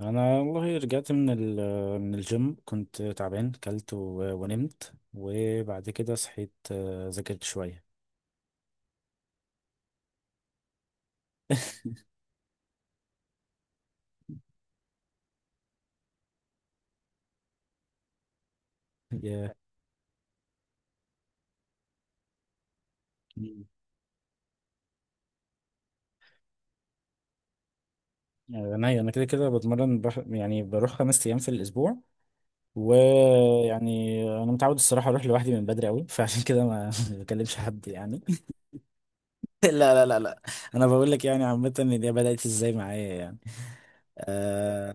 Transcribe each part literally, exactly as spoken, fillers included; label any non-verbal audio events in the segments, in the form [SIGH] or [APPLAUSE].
انا والله رجعت من ال من الجيم. كنت تعبان كلت و- ونمت وبعد كده صحيت، آه، ذاكرت شويه. [LAUGHS] يا- آه، انا انا كده كده بتمرن بح، يعني بروح خمس ايام في الاسبوع. ويعني انا متعود الصراحه اروح لوحدي من بدري قوي، فعشان كده ما [LAUGHS] ما بكلمش حد يعني. [LAUGHS] لا لا لا لا، انا بقول لك يعني عامه ان دي بدات ازاي معايا يعني. آه،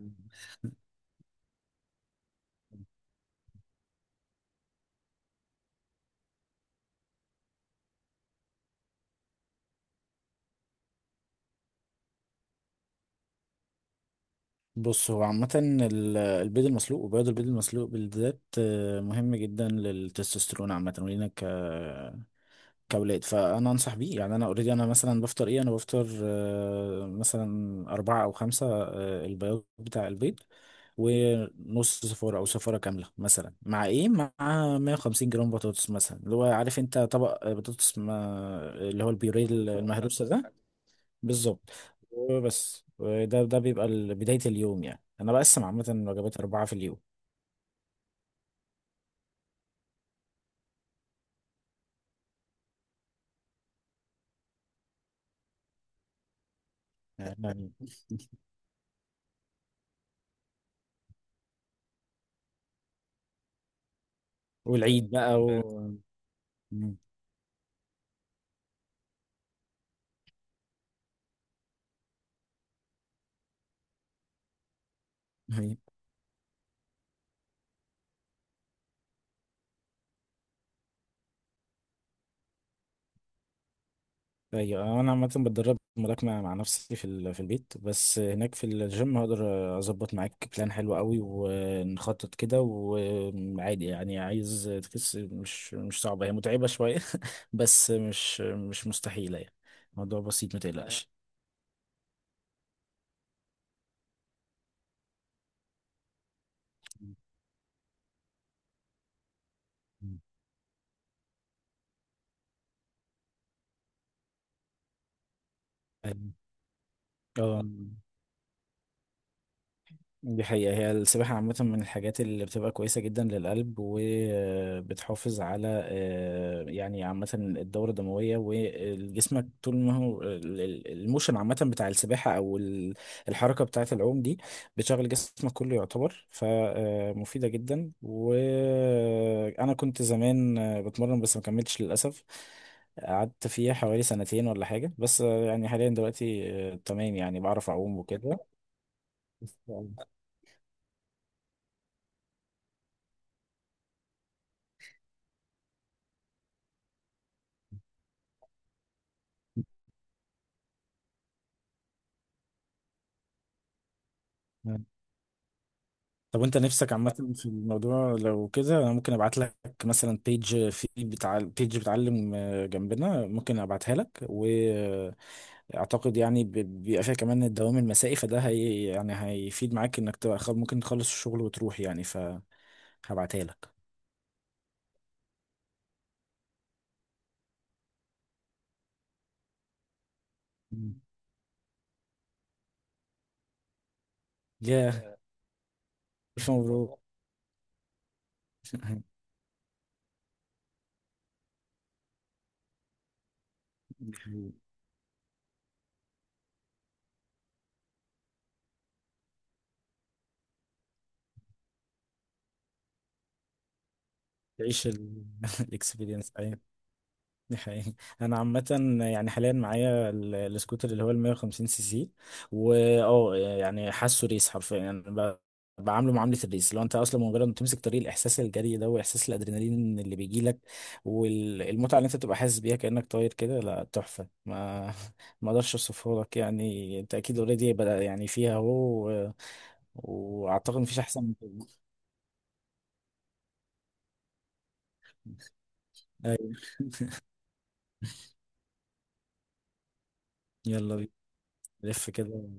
بص، هو عامة ال- البيض المسلوق وبياض البيض المسلوق بالذات آه، مهم جدا للتستوستيرون عامة ولينا ك كأولاد، فأنا أنصح بيه. يعني أنا أوريدي أنا مثلا بفطر إيه، أنا بفطر آه، مثلا أربعة أو خمسة آه، البياض بتاع البيض، ونص صفارة أو صفارة كاملة مثلا، مع إيه، مع مية وخمسين جرام بطاطس مثلا، اللي هو عارف أنت طبق بطاطس ما، اللي هو البيوريه المهروسة ده بالظبط. وبس ده ده بيبقى ال- بداية اليوم. يعني أنا بقسم عامة الوجبات أربعة في اليوم، يعني. والعيد بقى، تمام. و مم. هي- أيوة. أنا عامة بتدرب ملاكمة مع نفسي في ال- في البيت، بس هناك في الجيم هقدر أظبط معاك بلان حلو قوي، ونخطط كده، وعادي يعني. عايز تخس، مش مش صعبة، هي متعبة شوية [LAUGHS] بس مش مش مستحيلة يعني. الموضوع بسيط، ما تقلقش. مم. أيوة. اه. دي حقيقة، هي السباحة عامة من الحاجات اللي بتبقى كويسة جدا للقلب، وبتحافظ على، آه، يعني عامة، الدورة الدموية. وجسمك طول ما هو ال- ال- الموشن عامة بتاع السباحة أو ال- الحركة بتاعة العوم دي، بتشغل جسمك كله يعتبر، فمفيدة جدا. وأنا كنت زمان آه، بتمرن بس ما كملتش للأسف. قعدت فيها حوالي سنتين ولا حاجة، بس آه، يعني حاليا دلوقتي آه، تمام يعني، بعرف أعوم وكده. طب، وانت نفسك عامة في الموضوع؟ لو كده، انا ممكن ابعت لك مثلا بيج، في بتاع بيج بتعلم آه، جنبنا، ممكن ابعتها لك. واعتقد يعني ب- بيبقى فيها كمان الدوام المسائي، فده هي يعني هيفيد معاك، انك تبقى خل- ممكن تخلص الشغل وتروح يعني، فهبعتها لك. مم. يا الف مبروك. [LAUGHS] تعيش. الاكسبيرينس. [LAUGHS] دي حقيقة، أنا عامة يعني حاليا معايا ال- السكوتر اللي هو ال مية وخمسين سي سي، واه يعني حاسه ريس حرفيا، يعني ب- بعامله معاملة الريس. لو أنت أصلا مجرد ما تمسك طريق، الإحساس الجري ده وإحساس الأدرينالين اللي بيجيلك، والمتعة اللي أنت بتبقى حاسس بيها كأنك طاير كده، لا تحفة. ما [LAUGHS] ما أقدرش أوصفها لك يعني. أنت أكيد أوريدي بدأ يعني فيها أهو، و- وأعتقد مفيش أحسن من كده. أيوة. يلا بينا، نلف كده.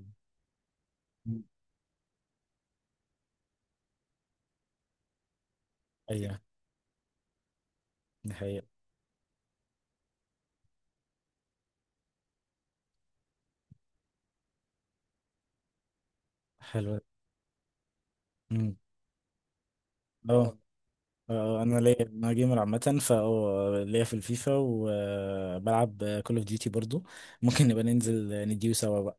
أيوه، دي حقيقة، حلوة. أمم. اه، آه، انا ليا، انا جيمر عامه، فا آه، ليا في الفيفا، وبلعب كول اوف ديوتي برضو. ممكن نبقى ننزل نديو سوا بقى.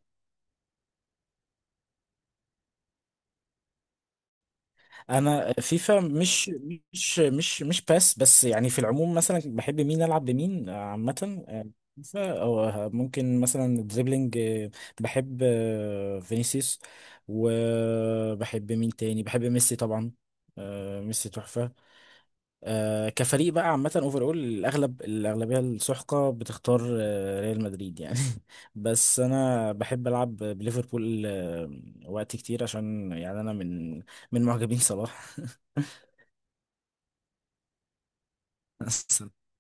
انا فيفا مش مش مش مش باس، بس يعني في العموم، مثلا بحب مين العب بمين؟ آه، عامه آه، فيفا، او آه، ممكن مثلا دريبلينج. آه، بحب آه، فينيسيوس. وبحب مين تاني؟ بحب ميسي طبعا، آه، ميسي تحفه. آه، كفريق بقى، عامة اوفر اول، الاغلب الاغلبية السحقة بتختار آه، ريال مدريد يعني. [LAUGHS] بس انا بحب العب بليفربول آه، وقت كتير، عشان يعني انا من من معجبين صلاح. [LAUGHS]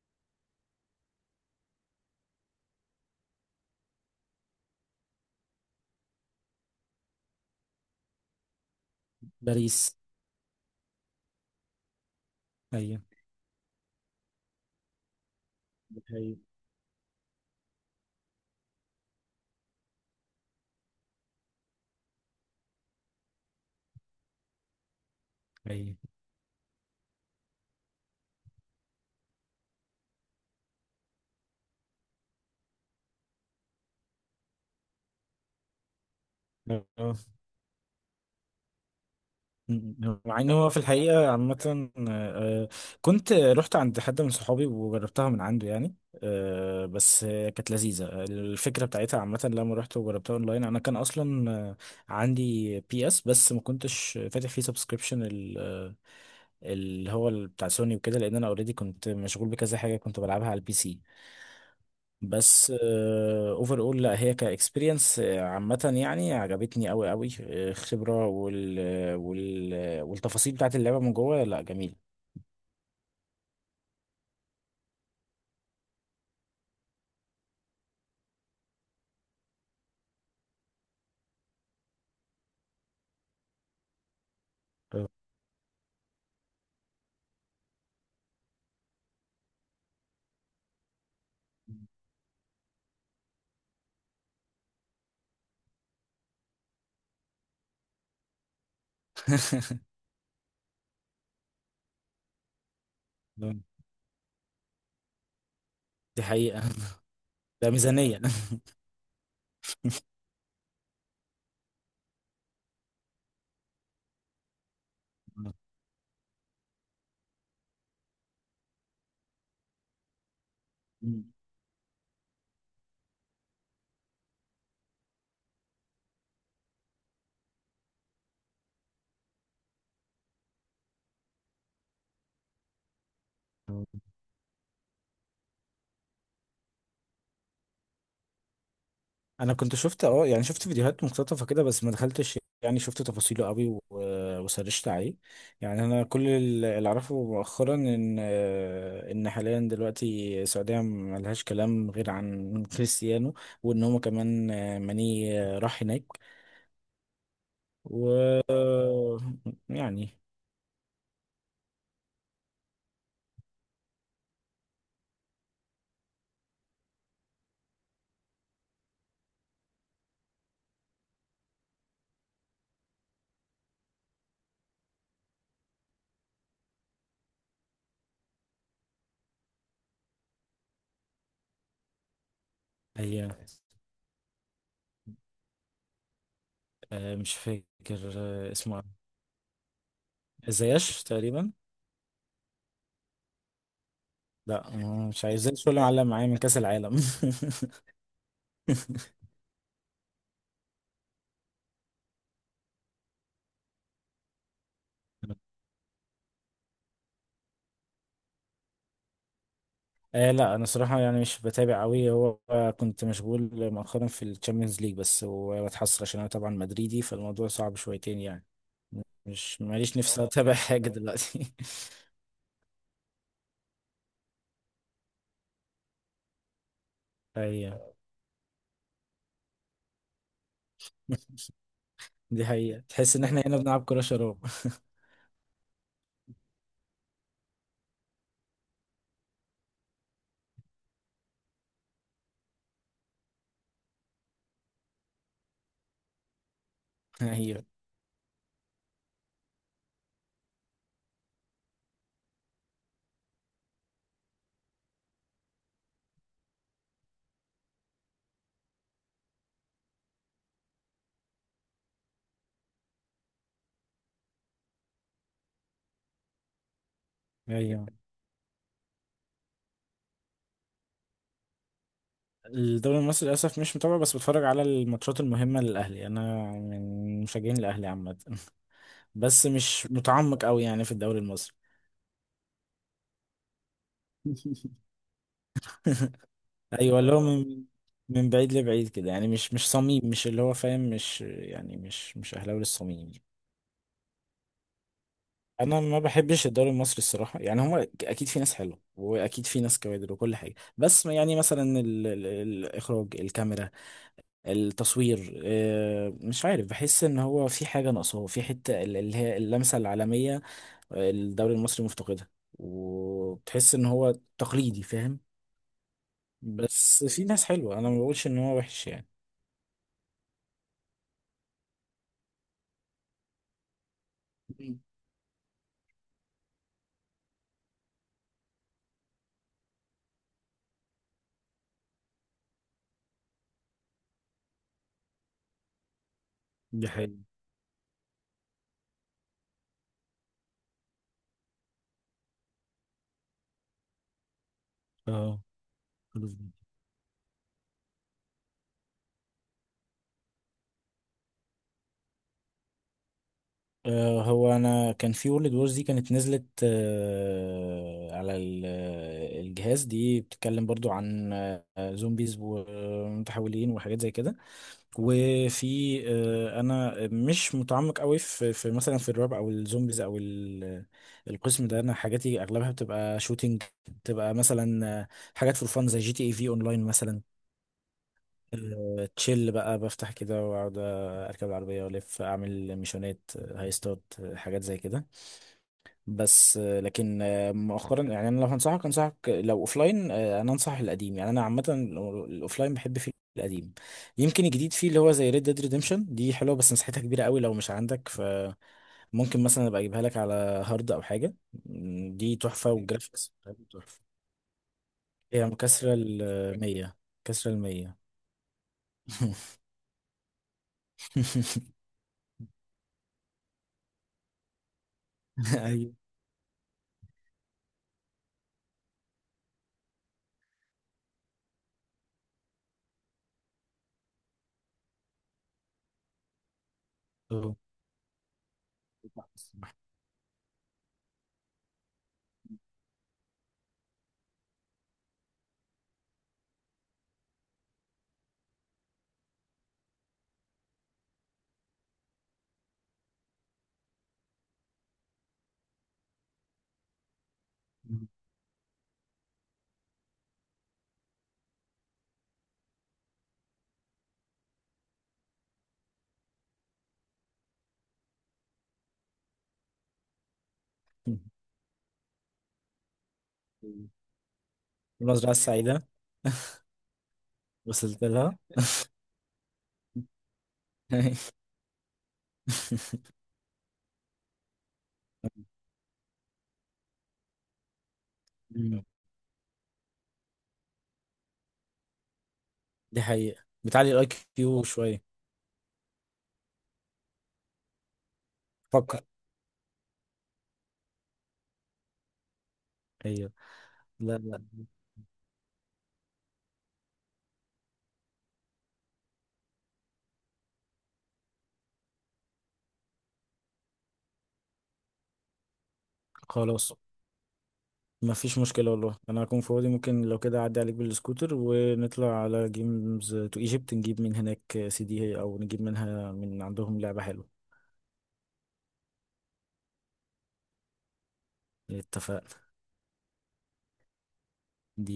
باريس. ايوه ايوه ايوه. مم. مع ان هو في الحقيقه عامه آه، آه، كنت رحت عند حد من صحابي وجربتها من عنده، يعني آه، بس آه، كانت لذيذه الفكره بتاعتها عامه. لما رحت وجربتها اونلاين، انا كان اصلا آه، عندي بي اس، بس ما كنتش فاتح فيه سبسكريبشن، اللي هو ال- بتاع سوني وكده، لان انا اوريدي كنت مشغول بكذا حاجه، كنت بلعبها على البي سي. بس اوفر اول، لا هي كاكسبيرينس عامة، يعني عجبتني قوي قوي، آه، خبرة وال آه، وال آه، والتفاصيل بتاعت اللعبة من جوه، لا جميلة. آه. [LAUGHS] دي حقيقة، ده ميزانية. [LAUGHS] انا كنت شفت، اه يعني، شفت فيديوهات مقتطفه كده، بس ما دخلتش، يعني شفت تفاصيله قوي و- وسرشت عليه. يعني انا كل ال- اللي اعرفه مؤخرا، ان آه، ان حاليا دلوقتي السعوديه ما لهاش كلام غير عن كريستيانو، وان هما كمان آه، ماني آه، راح هناك. و آه، يعني هي آه، مش فاكر آه، اسمه إيه؟ زياش تقريبا؟ لا آه، مش عايز زياش، ولا معلم معايا من كاس العالم. [LAUGHS] آه لا، انا صراحه يعني مش بتابع قوي. هو كنت مشغول مؤخرا في الشامبيونز ليج بس، وبتحسر عشان انا طبعا مدريدي، فالموضوع صعب شويتين يعني، مش ماليش نفسي اتابع حاجه دلوقتي. [LAUGHS] ايوه، دي حقيقه، تحس ان احنا هنا بنلعب كره شراب. [LAUGHS] ايوه ايوه. الدوري المصري للاسف مش متابع، بس بتفرج على الماتشات المهمه للاهلي، انا من مشجعين الاهلي عامه. [LAUGHS] بس مش متعمق قوي يعني في الدوري المصري. [LAUGHS] ايوه، اللي هو من من بعيد لبعيد كده يعني، مش مش صميم، مش اللي هو فاهم، مش يعني مش مش اهلاوي الصميم. انا ما بحبش الدوري المصري الصراحه يعني. هما اكيد في ناس حلوه، واكيد في ناس كوادر وكل حاجه، بس يعني مثلا ال ال الاخراج، الكاميرا، التصوير، آه، مش عارف، بحس ان هو في حاجه ناقصاه في حته ال- اللي هي اللمسه العالميه. آه، الدوري المصري مفتقدها، وبتحس ان هو تقليدي، فاهم؟ بس في ناس حلوه، انا ما بقولش ان هو وحش يعني. مم. دي حقيقة، اه. خلاص بقى. آه، هو انا كان في وورلد وورز دي، كانت نزلت آه، على ال- آه، الجهاز. دي بتتكلم برضو عن آه، زومبيز ومتحولين وحاجات زي كده. وفي آه، انا مش متعمق قوي في في مثلا في الرعب او الزومبيز او ال- آه، القسم ده. انا حاجاتي اغلبها بتبقى شوتينج، بتبقى مثلا آه، حاجات فور فان زي جي تي اي في اونلاين مثلا. آه، تشيل بقى، بفتح كده واقعد اركب العربيه والف اعمل ميشونات، آه، هاي ستارت، آه، حاجات زي كده. بس آه، لكن آه، مؤخرا يعني، انا لو هنصحك، انصحك لو اوفلاين آه، انا انصح القديم. يعني انا عامه لو- الاوفلاين بحب فيه القديم. يمكن الجديد فيه اللي هو زي ريد ديد ريديمشن دي، حلوه بس مساحتها كبيره قوي، لو مش عندك، فممكن مثلا ابقى اجيبها لك على هارد او حاجه. م، دي تحفه، والجرافيكس بتاعتها تحفه. هي مكسره ال مية، كسره ال مية. [LAUGHS] أوه. المزرعة السعيدة وصلت لها. [LAUGHS] مم. دي حقيقة، بتعلي الاي كيو شوية. فكر، ايوه. لا لا، خلاص. ما فيش مشكلة والله، انا هكون فاضي. ممكن لو كده اعدي عليك بالسكوتر، ونطلع على جيمز تو ايجيبت نجيب من هناك سي دي، او نجيب منها من عندهم لعبة حلوة. اتفقنا. دي